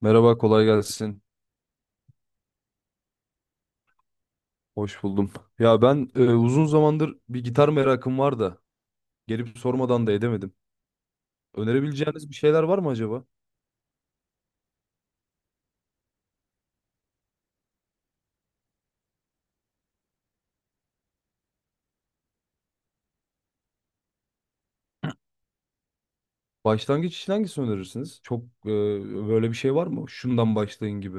Merhaba, kolay gelsin. Hoş buldum. Ya ben uzun zamandır bir gitar merakım var da gelip sormadan da edemedim. Önerebileceğiniz bir şeyler var mı acaba? Başlangıç için hangisini önerirsiniz? Çok böyle bir şey var mı? Şundan başlayın gibi.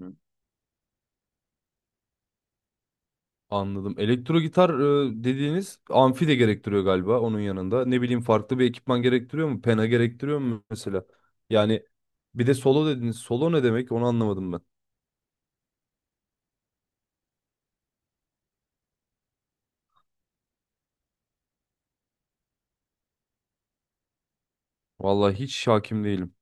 Hı. Anladım. Elektro gitar dediğiniz amfi de gerektiriyor galiba onun yanında. Ne bileyim farklı bir ekipman gerektiriyor mu? Pena gerektiriyor mu mesela? Yani bir de solo dediniz. Solo ne demek? Onu anlamadım ben. Vallahi hiç hakim değilim.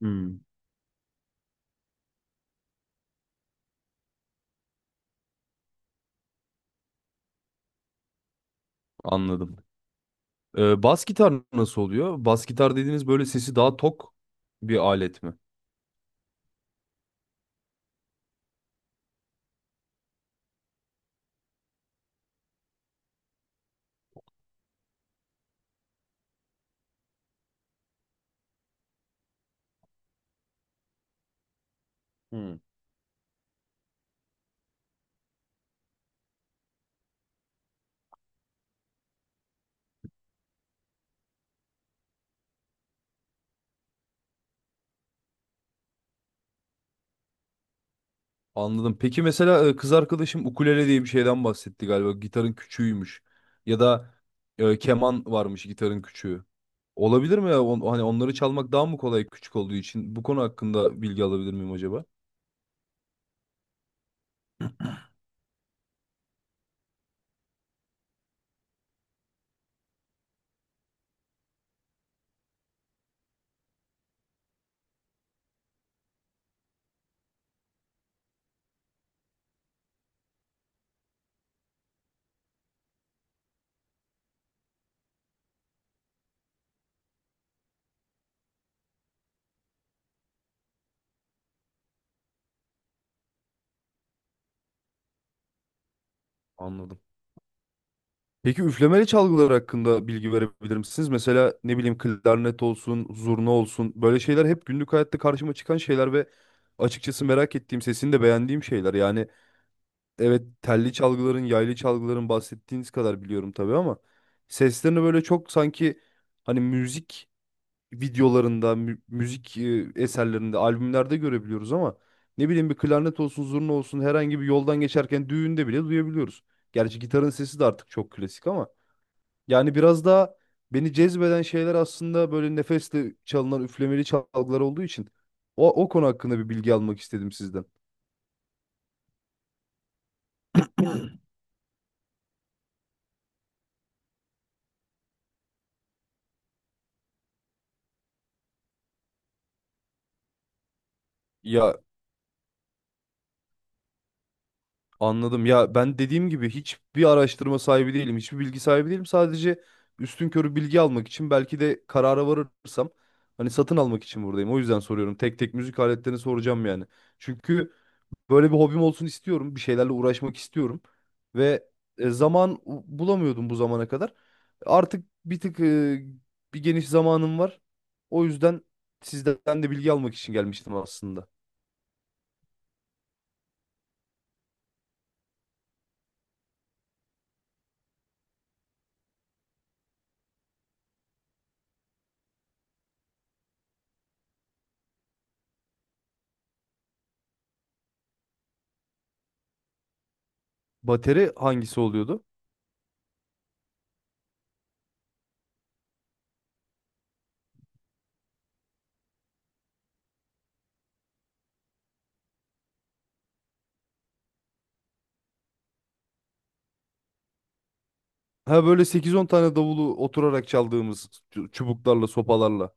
Hmm. Anladım. Bas gitar nasıl oluyor? Bas gitar dediğiniz böyle sesi daha tok bir alet mi? Hmm. Anladım. Peki mesela kız arkadaşım ukulele diye bir şeyden bahsetti galiba. Gitarın küçüğüymüş. Ya da keman varmış gitarın küçüğü. Olabilir mi ya? Hani onları çalmak daha mı kolay küçük olduğu için? Bu konu hakkında bilgi alabilir miyim acaba? Anladım. Peki üflemeli çalgılar hakkında bilgi verebilir misiniz? Mesela ne bileyim klarnet olsun, zurna olsun böyle şeyler hep günlük hayatta karşıma çıkan şeyler ve açıkçası merak ettiğim, sesini de beğendiğim şeyler. Yani evet telli çalgıların, yaylı çalgıların bahsettiğiniz kadar biliyorum tabii ama seslerini böyle çok sanki hani müzik videolarında, müzik eserlerinde, albümlerde görebiliyoruz ama ne bileyim bir klarnet olsun, zurna olsun herhangi bir yoldan geçerken düğünde bile duyabiliyoruz. Gerçi gitarın sesi de artık çok klasik ama yani biraz daha beni cezbeden şeyler aslında böyle nefesle çalınan üflemeli çalgılar olduğu için o konu hakkında bir bilgi almak istedim sizden. Ya anladım. Ya ben dediğim gibi hiçbir araştırma sahibi değilim. Hiçbir bilgi sahibi değilim. Sadece üstünkörü bilgi almak için belki de karara varırsam hani satın almak için buradayım. O yüzden soruyorum. Tek tek müzik aletlerini soracağım yani. Çünkü böyle bir hobim olsun istiyorum. Bir şeylerle uğraşmak istiyorum. Ve zaman bulamıyordum bu zamana kadar. Artık bir tık bir geniş zamanım var. O yüzden sizden de bilgi almak için gelmiştim aslında. Bateri hangisi oluyordu? Ha böyle sekiz on tane davulu oturarak çaldığımız çubuklarla, sopalarla.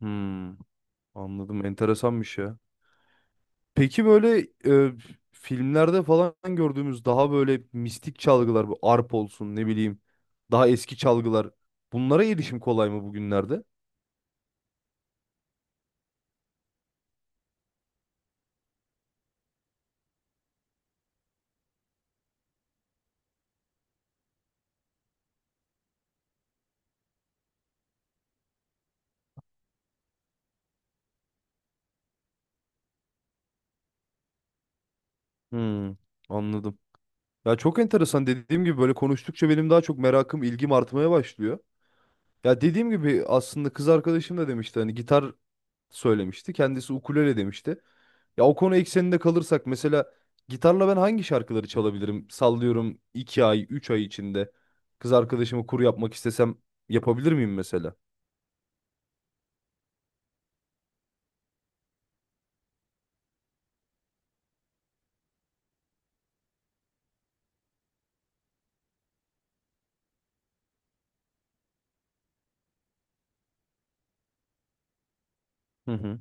Hmm, anladım. Enteresanmış ya. Peki böyle e, filmlerde falan gördüğümüz daha böyle mistik çalgılar, bu arp olsun ne bileyim, daha eski çalgılar. Bunlara erişim kolay mı bugünlerde? Hmm, anladım. Ya çok enteresan dediğim gibi böyle konuştukça benim daha çok merakım, ilgim artmaya başlıyor. Ya dediğim gibi aslında kız arkadaşım da demişti hani gitar söylemişti. Kendisi ukulele demişti. Ya o konu ekseninde kalırsak mesela gitarla ben hangi şarkıları çalabilirim? Sallıyorum 2 ay, 3 ay içinde kız arkadaşımı kur yapmak istesem yapabilir miyim mesela? Hı hı.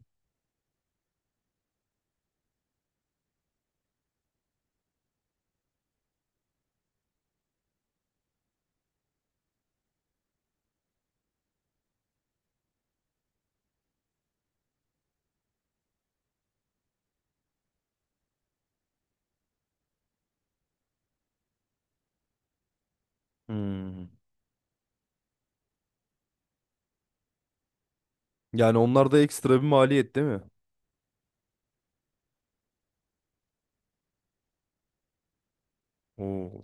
Hmm. Yani onlar da ekstra bir maliyet değil mi? Oo.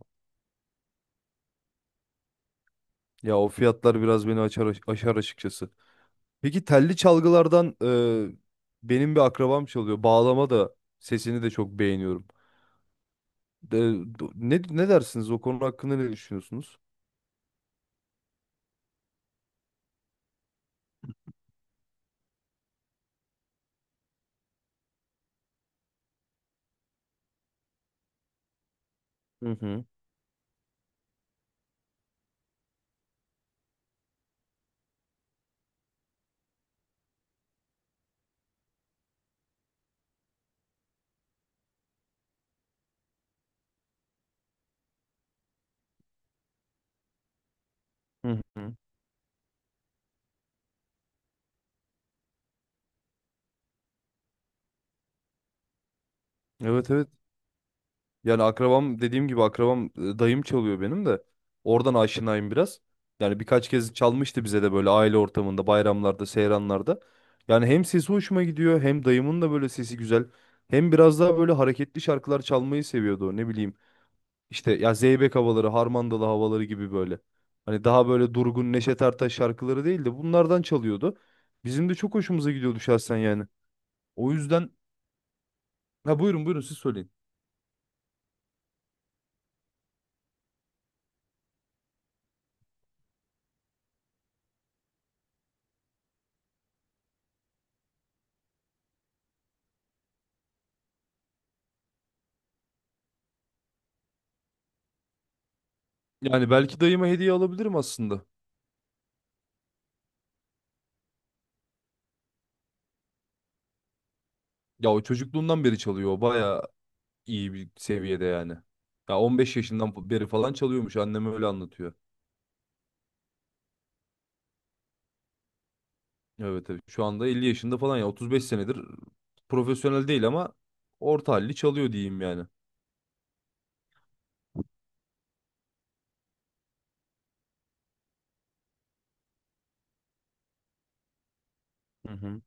Ya o fiyatlar biraz beni açar, aşar açıkçası. Peki telli çalgılardan benim bir akrabam çalıyor. Bağlama da sesini de çok beğeniyorum. Ne dersiniz o konu hakkında ne düşünüyorsunuz? Hı hı. Hı hı. Evet, evet. Yani akrabam dediğim gibi akrabam dayım çalıyor benim de. Oradan aşinayım biraz. Yani birkaç kez çalmıştı bize de böyle aile ortamında, bayramlarda, seyranlarda. Yani hem sesi hoşuma gidiyor hem dayımın da böyle sesi güzel. Hem biraz daha böyle hareketli şarkılar çalmayı seviyordu. Ne bileyim. İşte ya Zeybek havaları, Harmandalı havaları gibi böyle. Hani daha böyle durgun Neşet Ertaş şarkıları değil de bunlardan çalıyordu. Bizim de çok hoşumuza gidiyordu şahsen yani. O yüzden ha, buyurun buyurun siz söyleyin. Yani belki dayıma hediye alabilirim aslında. Ya o çocukluğundan beri çalıyor. O bayağı iyi bir seviyede yani. Ya 15 yaşından beri falan çalıyormuş. Annem öyle anlatıyor. Evet, evet. Şu anda 50 yaşında falan ya 35 senedir profesyonel değil ama orta halli çalıyor diyeyim yani. Hı hı.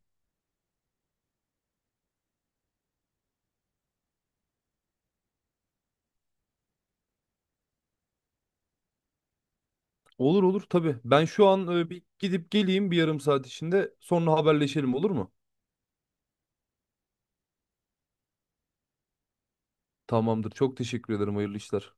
Olur, olur, tabii. Ben şu an bir gidip geleyim bir yarım saat içinde. Sonra haberleşelim olur mu? Tamamdır. Çok teşekkür ederim. Hayırlı işler.